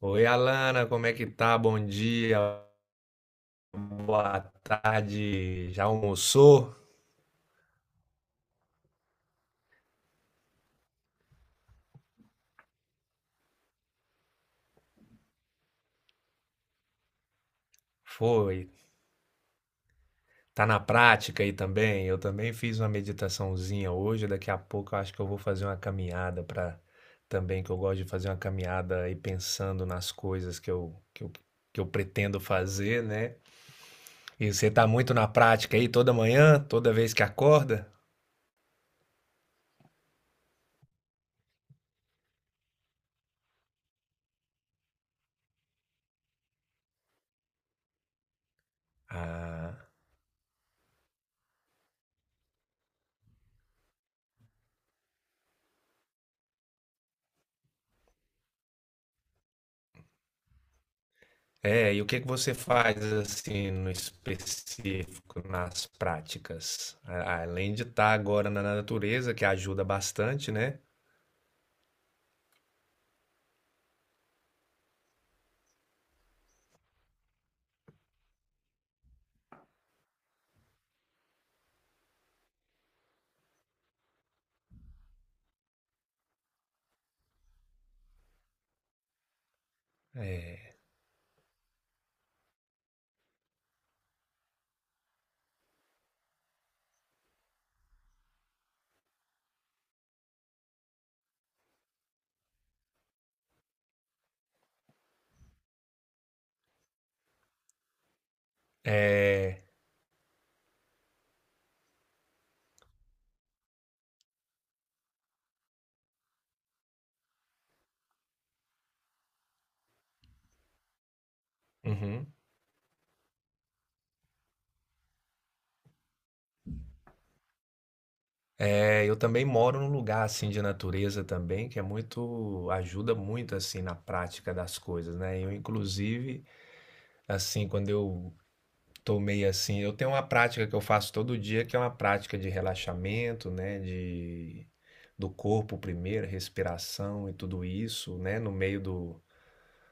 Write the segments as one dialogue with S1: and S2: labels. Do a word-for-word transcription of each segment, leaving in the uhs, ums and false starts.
S1: Oi, Alana, como é que tá? Bom dia, boa tarde. Já almoçou? Foi. Tá na prática aí também? Eu também fiz uma meditaçãozinha hoje. Daqui a pouco eu acho que eu vou fazer uma caminhada para também, que eu gosto de fazer uma caminhada e pensando nas coisas que eu, que eu, que eu pretendo fazer, né? E você tá muito na prática aí toda manhã, toda vez que acorda? Ah. É, e o que que você faz assim no específico, nas práticas? A- Além de estar agora na natureza, que ajuda bastante, né? É, uhum. É, eu também moro num lugar assim de natureza também, que é muito, ajuda muito assim na prática das coisas, né? Eu inclusive, assim, quando eu tô meio assim. Eu tenho uma prática que eu faço todo dia, que é uma prática de relaxamento, né? De, do corpo primeiro, respiração e tudo isso, né? No meio do,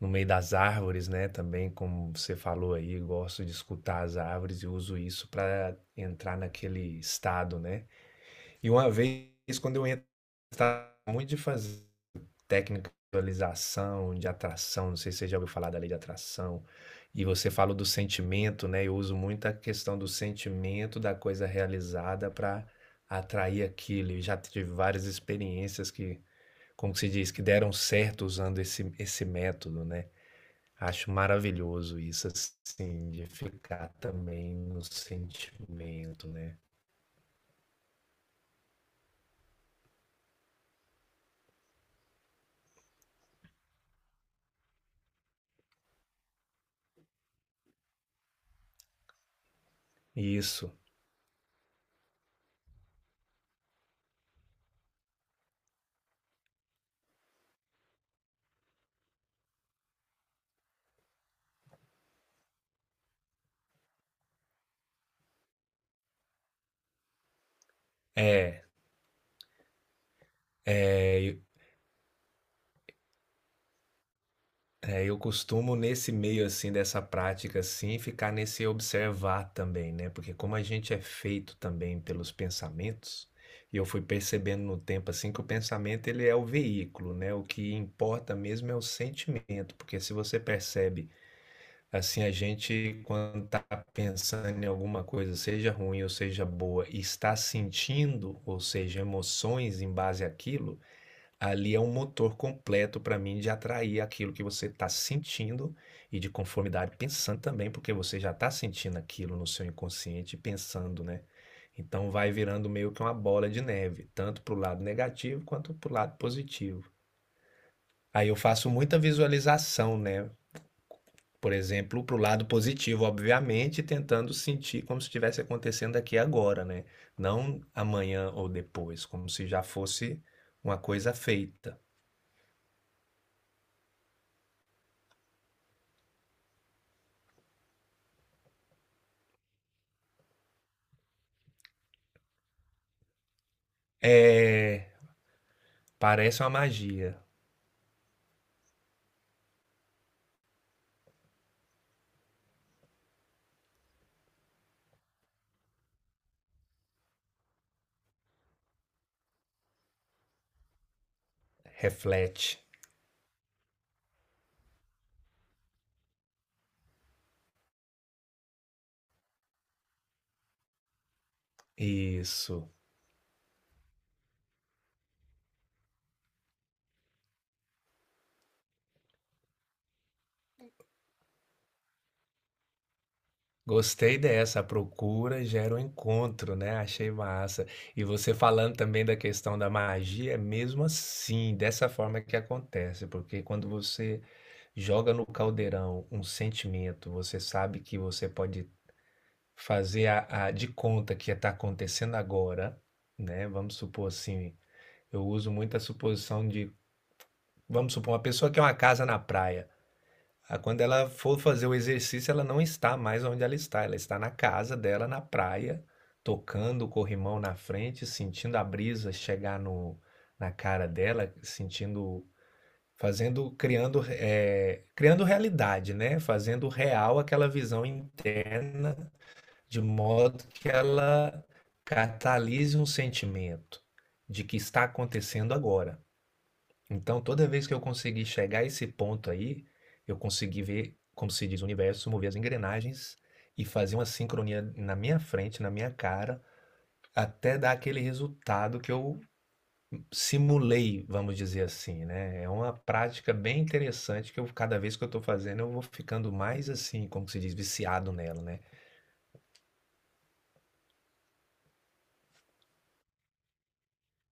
S1: no meio das árvores, né? Também, como você falou aí, gosto de escutar as árvores e uso isso para entrar naquele estado, né? E uma vez, quando eu entrava muito de fazer técnica de visualização, de atração, não sei se você já ouviu falar da lei de atração. E você falou do sentimento, né? Eu uso muito a questão do sentimento da coisa realizada para atrair aquilo. Eu já tive várias experiências que, como se diz, que deram certo usando esse, esse método, né? Acho maravilhoso isso, assim, de ficar também no sentimento, né? Isso. É. É, eu costumo nesse meio assim dessa prática assim, ficar nesse observar também, né? Porque como a gente é feito também pelos pensamentos, e eu fui percebendo no tempo assim que o pensamento ele é o veículo, né? O que importa mesmo é o sentimento, porque se você percebe assim a gente quando está pensando em alguma coisa, seja ruim ou seja boa, e está sentindo, ou seja, emoções em base àquilo, ali é um motor completo para mim de atrair aquilo que você está sentindo e de conformidade pensando também, porque você já está sentindo aquilo no seu inconsciente e pensando, né? Então vai virando meio que uma bola de neve, tanto para o lado negativo quanto para o lado positivo. Aí eu faço muita visualização, né? Por exemplo, para o lado positivo, obviamente, tentando sentir como se estivesse acontecendo aqui agora, né? Não amanhã ou depois, como se já fosse uma coisa feita. É, parece uma magia. Reflete. Isso. Gostei dessa. A procura gera o encontro, né? Achei massa. E você falando também da questão da magia, é mesmo assim, dessa forma que acontece, porque quando você joga no caldeirão um sentimento, você sabe que você pode fazer a, a- de conta que está acontecendo agora, né? Vamos supor assim, eu uso muito a suposição de, vamos supor, uma pessoa que é uma casa na praia. Ah, quando ela for fazer o exercício, ela não está mais onde ela está. Ela está na casa dela, na praia, tocando o corrimão na frente, sentindo a brisa chegar no, na cara dela, sentindo, fazendo, criando, eh, criando realidade, né? Fazendo real aquela visão interna, de modo que ela catalise um sentimento de que está acontecendo agora. Então, toda vez que eu consegui chegar a esse ponto aí, eu consegui ver, como se diz, o universo mover as engrenagens e fazer uma sincronia na minha frente, na minha cara, até dar aquele resultado que eu simulei, vamos dizer assim, né? É uma prática bem interessante que eu, cada vez que eu estou fazendo, eu vou ficando mais assim, como se diz, viciado nela, né?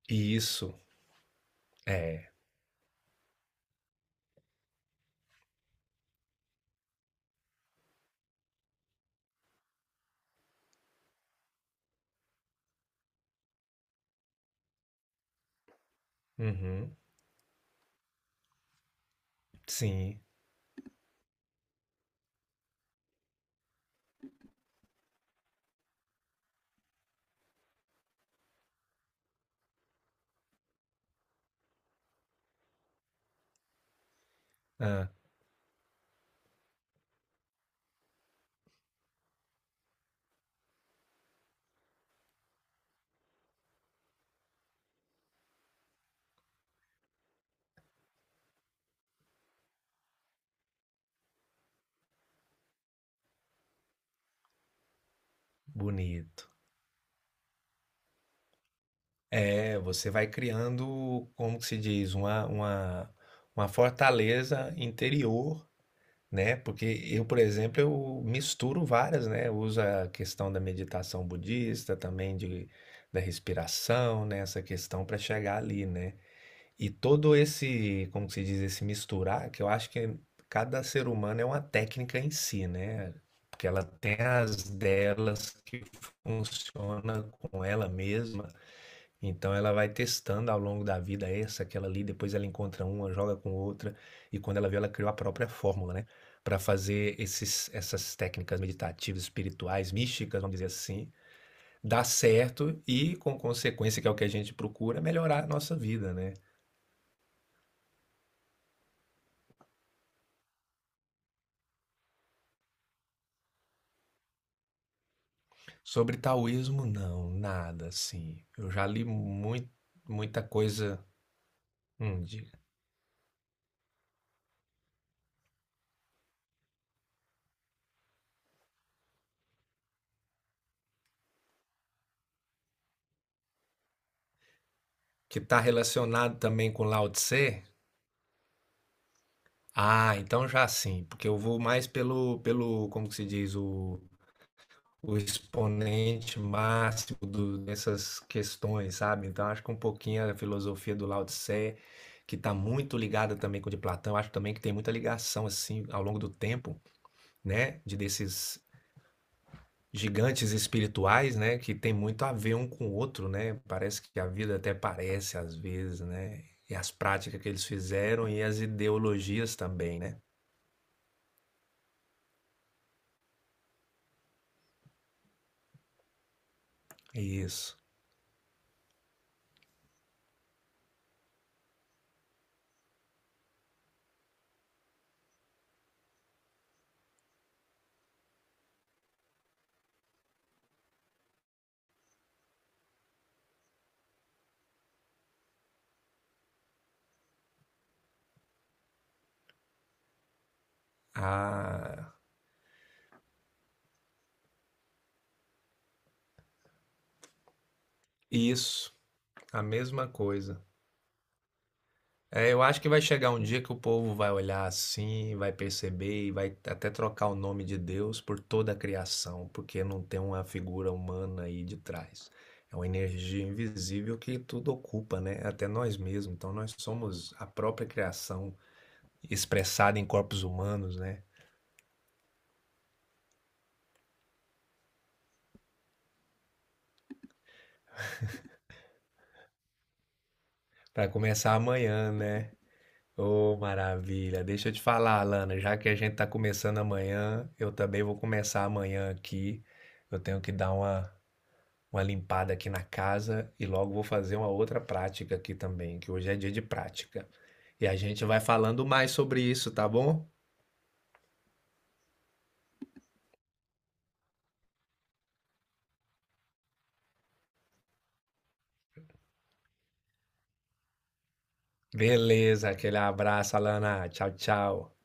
S1: E isso é, uhum, sim, bonito. É, você vai criando, como que se diz, uma, uma, uma fortaleza interior, né? Porque eu, por exemplo, eu misturo várias, né? Eu uso a questão da meditação budista, também de, da respiração, né? Essa questão para chegar ali, né? E todo esse, como que se diz, esse misturar, que eu acho que cada ser humano é uma técnica em si, né? Porque ela tem as delas que funciona com ela mesma, então ela vai testando ao longo da vida essa, aquela ali, depois ela encontra uma, joga com outra, e quando ela vê, ela criou a própria fórmula, né? Para fazer esses, essas técnicas meditativas, espirituais, místicas, vamos dizer assim, dar certo e, com consequência, que é o que a gente procura, melhorar a nossa vida, né? Sobre taoísmo, não, nada assim. Eu já li muito, muita coisa. Hum, de- que está relacionado também com Lao Tse. Ah, então já sim, porque eu vou mais pelo, pelo, como que se diz, o, o exponente máximo do- dessas questões, sabe? Então acho que um pouquinho a filosofia do Lao Tse, que está muito ligada também com o de Platão, acho também que tem muita ligação assim ao longo do tempo, né? De desses gigantes espirituais, né? Que tem muito a ver um com o outro, né? Parece que a vida até parece às vezes, né? E as práticas que eles fizeram e as ideologias também, né? Isso. Ah, isso, a mesma coisa. É, eu acho que vai chegar um dia que o povo vai olhar assim, vai perceber e vai até trocar o nome de Deus por toda a criação, porque não tem uma figura humana aí de trás. É uma energia invisível que tudo ocupa, né? Até nós mesmos. Então nós somos a própria criação expressada em corpos humanos, né? Para começar amanhã, né? Ô, maravilha. Deixa eu te falar, Alana, já que a gente tá começando amanhã, eu também vou começar amanhã aqui. Eu tenho que dar uma, uma limpada aqui na casa e logo vou fazer uma outra prática aqui também, que hoje é dia de prática. E a gente vai falando mais sobre isso, tá bom? Beleza, aquele abraço, Alana. Tchau, tchau.